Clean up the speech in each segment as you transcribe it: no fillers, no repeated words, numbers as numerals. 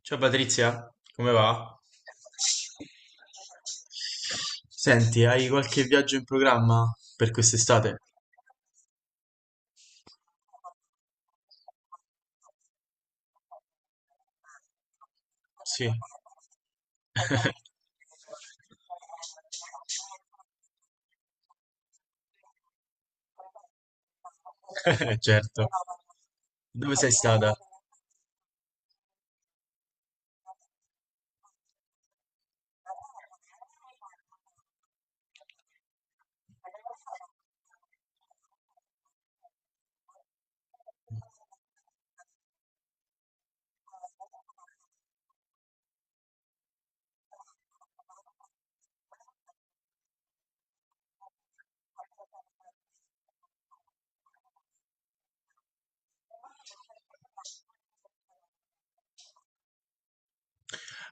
Ciao Patrizia, come va? Senti, hai qualche viaggio in programma per quest'estate? Sì. Certo. Dove sei stata?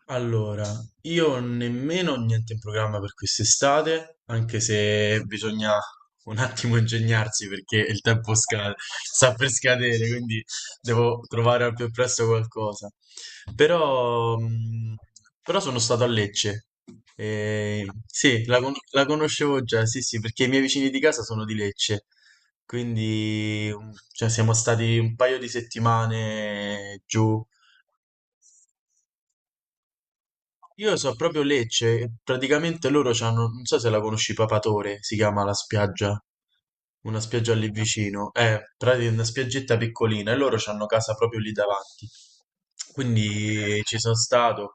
Allora, io nemmeno ho niente in programma per quest'estate, anche se bisogna un attimo ingegnarsi perché sta per scadere, quindi devo trovare al più presto qualcosa. Però, però sono stato a Lecce. E sì, la conoscevo già, sì, sì, perché i miei vicini di casa sono di Lecce. Quindi, cioè, siamo stati un paio di settimane giù. Io so proprio Lecce, praticamente loro c'hanno, non so se la conosci, Papatore, si chiama la spiaggia, una spiaggia lì vicino, è praticamente una spiaggetta piccolina e loro c'hanno casa proprio lì davanti. Quindi ci sono stato,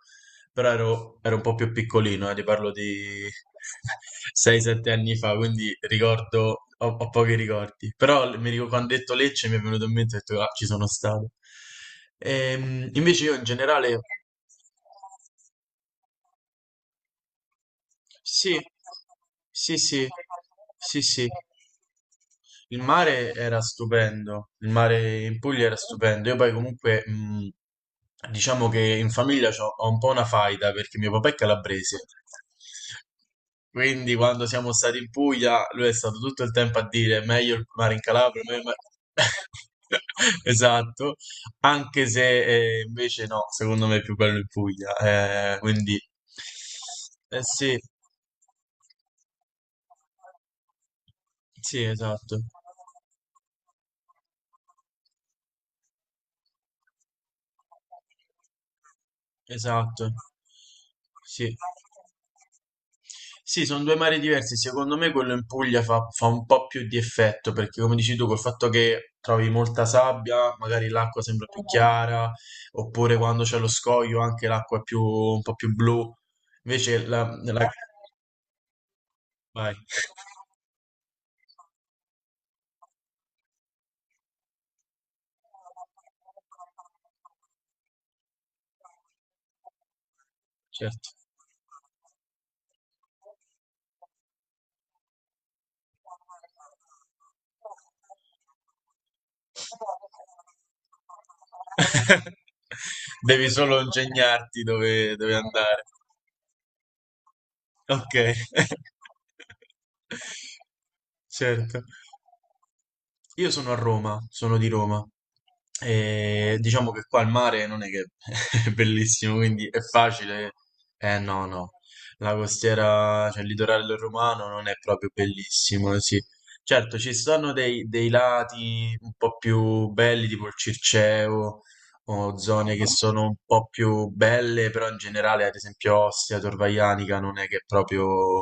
però ero un po' più piccolino, ti parlo di 6-7 anni fa, quindi ricordo, ho pochi ricordi, però mi ricordo quando ho detto Lecce mi è venuto in mente e ho detto, ah, ci sono stato. Invece io in generale... Sì, sì, sì, sì, sì. Il mare era stupendo, il mare in Puglia era stupendo. Io poi comunque, diciamo che in famiglia ho un po' una faida perché mio papà è calabrese. Quindi quando siamo stati in Puglia, lui è stato tutto il tempo a dire meglio il mare in Calabria, meglio il mare-" Esatto, anche se invece no, secondo me è più bello in Puglia. Quindi, eh sì. Sì, esatto, esatto. Sì, sì, sono due mari diversi. Secondo me quello in Puglia fa un po' più di effetto perché, come dici tu, col fatto che trovi molta sabbia, magari l'acqua sembra più chiara, oppure quando c'è lo scoglio anche l'acqua è un po' più blu. Invece la... Vai, certo. Devi solo ingegnarti dove andare. Ok. Certo. Io sono a Roma, sono di Roma e diciamo che qua il mare non è che è bellissimo, quindi è facile. Eh no, no, la costiera, cioè il litorale romano non è proprio bellissimo, sì. Certo, ci sono dei lati un po' più belli, tipo il Circeo, o zone che sono un po' più belle, però in generale, ad esempio Ostia, Torvaianica, non è che è proprio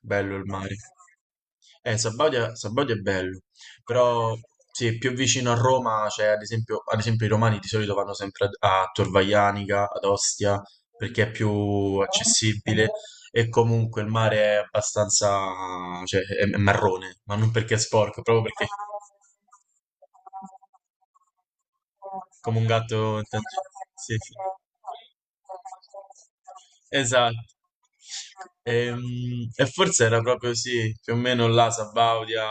bello il mare. Sabaudia è bello, però sì, più vicino a Roma, c'è ad esempio i romani di solito vanno sempre a Tor Vaianica, ad Ostia, perché è più accessibile e comunque il mare è abbastanza, cioè è marrone, ma non perché è sporco, proprio perché come un gatto intanto. Sì, sì. Esatto. E, e forse era proprio sì, più o meno là, Sabaudia.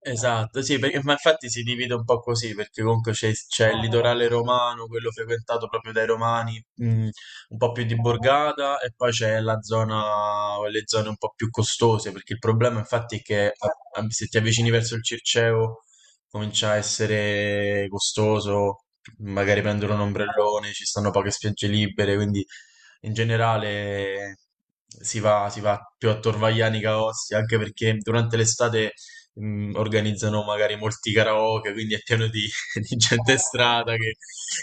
Esatto, sì, perché, ma infatti si divide un po' così, perché comunque c'è il litorale romano, quello frequentato proprio dai romani, mm, un po' più di borgata, e poi c'è le zone un po' più costose, perché il problema infatti è che se ti avvicini verso il Circeo comincia a essere costoso, magari prendere un ombrellone, ci stanno poche spiagge libere, quindi in generale si va più a Torvagliani che a Ostia, anche perché durante l'estate organizzano magari molti karaoke, quindi è pieno di, di gente in strada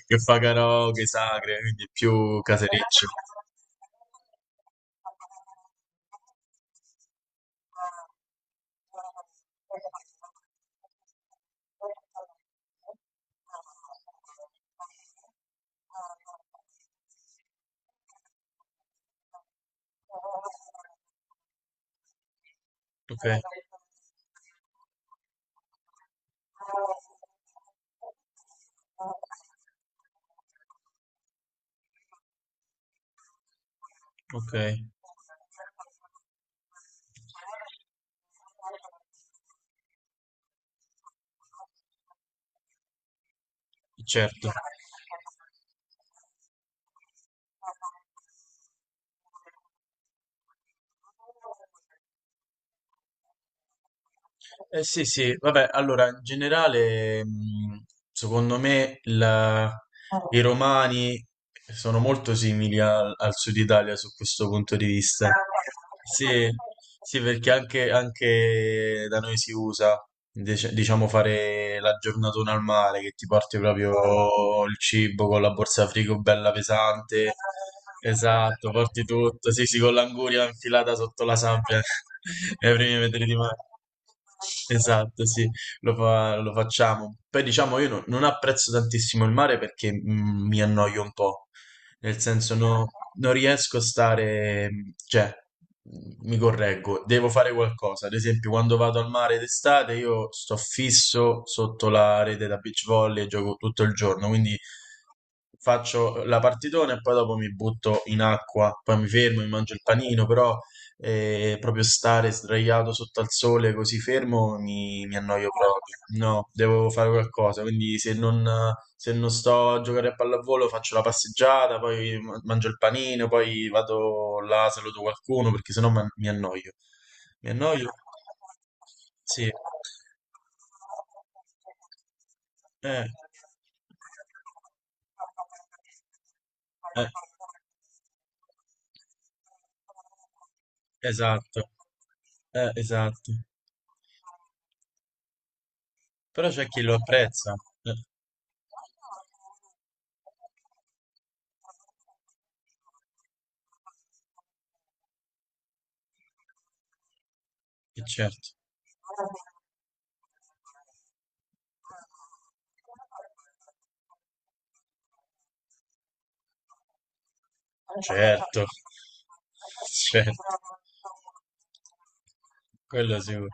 che fa karaoke, sacre, quindi è più casereccio. Ok. Ok. Certo. Eh sì, sì, vabbè, allora in generale, secondo me i romani sono molto simili al, al Sud Italia su questo punto di vista. Sì, sì, perché anche da noi si usa, diciamo, fare la giornatona al mare, che ti porti proprio il cibo con la borsa frigo bella pesante. Esatto, porti tutto, sì, sì, con l'anguria infilata sotto la sabbia ai primi metri di mare. Esatto, sì, lo facciamo. Poi diciamo, io non apprezzo tantissimo il mare perché mi annoio un po', nel senso non riesco a stare, cioè, mi correggo, devo fare qualcosa. Ad esempio, quando vado al mare d'estate io sto fisso sotto la rete da beach volley e gioco tutto il giorno, quindi faccio la partitona e poi dopo mi butto in acqua, poi mi fermo, mi mangio il panino, però proprio stare sdraiato sotto al sole così fermo mi annoio proprio. No, devo fare qualcosa, quindi se non sto a giocare a pallavolo faccio la passeggiata, poi mangio il panino, poi vado là, saluto qualcuno, perché sennò mi annoio. Mi annoio? Sì. Eh, eh. Esatto, esatto. Però c'è chi lo apprezza, eh, e certo. Certo, certo, quello sicuro.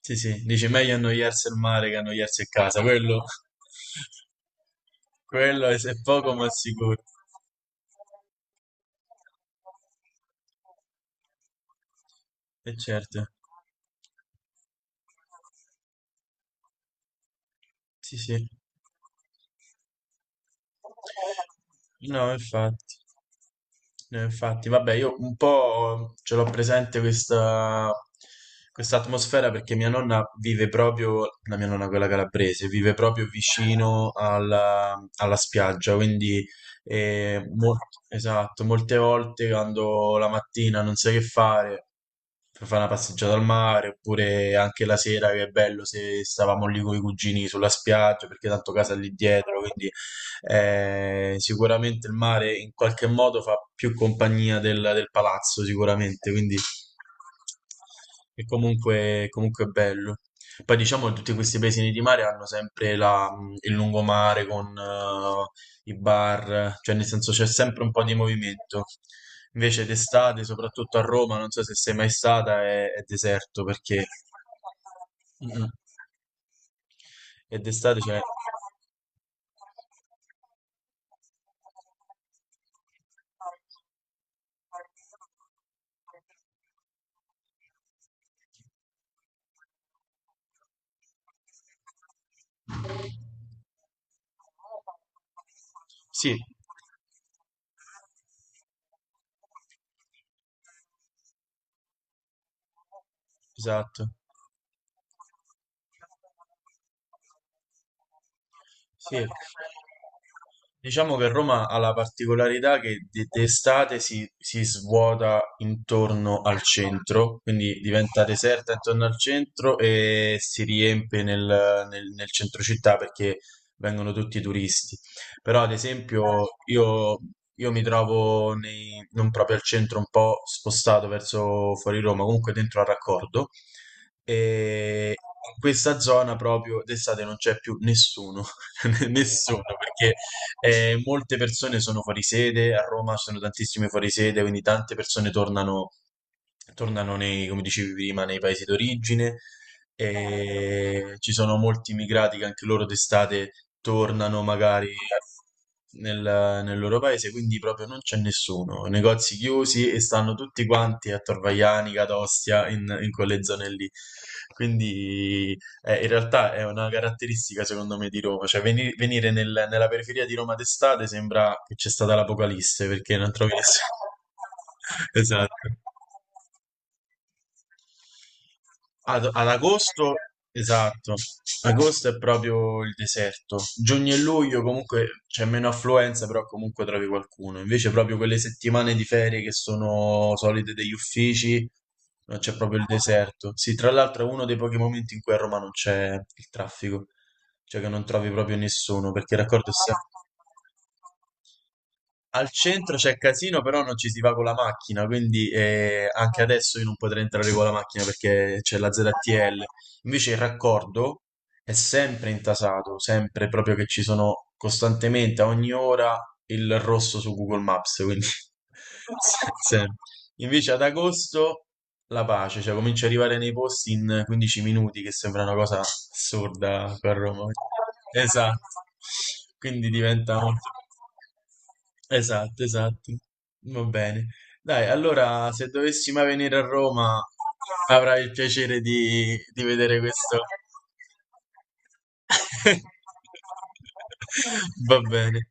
Sì, sì, dice meglio annoiarsi al mare che annoiarsi a casa, quello, quello è poco ma sicuro, e certo, sì, sì, no, infatti. Infatti, vabbè, io un po' ce l'ho presente questa, questa atmosfera perché mia nonna vive proprio, la mia nonna quella calabrese, vive proprio vicino alla spiaggia, quindi eh, mol- esatto, molte volte quando la mattina non sai che fare, per fare una passeggiata al mare, oppure anche la sera che è bello se stavamo lì con i cugini sulla spiaggia, perché tanto casa è lì dietro, quindi sicuramente il mare in qualche modo fa più compagnia del palazzo, sicuramente, quindi è comunque bello. Poi diciamo che tutti questi paesini di mare hanno sempre il lungomare con i bar, cioè nel senso c'è sempre un po' di movimento. Invece d'estate, soprattutto a Roma, non so se sei mai stata, è deserto perché... Mm, mm. E d'estate c'è... Sì, esatto. Sì. Diciamo che Roma ha la particolarità che d'estate si svuota intorno al centro, quindi diventa deserta intorno al centro e si riempie nel centro città perché vengono tutti i turisti. Però, ad esempio, io mi trovo non proprio al centro, un po' spostato verso fuori Roma, comunque dentro al raccordo. E in questa zona proprio d'estate non c'è più nessuno, nessuno, perché molte persone sono fuori sede, a Roma ci sono tantissime fuori sede, quindi tante persone tornano, tornano come dicevi prima, nei paesi d'origine. E ci sono molti immigrati che anche loro d'estate tornano magari nel loro paese, quindi proprio non c'è nessuno, negozi chiusi e stanno tutti quanti a Torvaiani, Catostia, in quelle zone lì. Quindi in realtà è una caratteristica secondo me di Roma, cioè nella periferia di Roma d'estate sembra che c'è stata l'apocalisse perché non trovi nessuno. Esatto. Ad agosto, esatto, agosto è proprio il deserto. Giugno e luglio comunque c'è meno affluenza, però comunque trovi qualcuno. Invece proprio quelle settimane di ferie che sono solite degli uffici, c'è proprio il deserto. Sì, tra l'altro è uno dei pochi momenti in cui a Roma non c'è il traffico, cioè che non trovi proprio nessuno, perché il raccordo è sempre... Al centro c'è casino, però non ci si va con la macchina, quindi anche adesso io non potrei entrare con la macchina perché c'è la ZTL. Invece il raccordo è sempre intasato, sempre proprio che ci sono costantemente a ogni ora il rosso su Google Maps, quindi sempre. Invece ad agosto la pace, cioè comincia ad arrivare nei posti in 15 minuti, che sembra una cosa assurda qua a Roma. Esatto. Quindi diventa molto. Esatto, esatto. Va bene. Dai, allora se dovessi mai venire a Roma avrai il piacere di vedere questo. Va bene.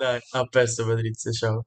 Dai, a presto Patrizia, ciao.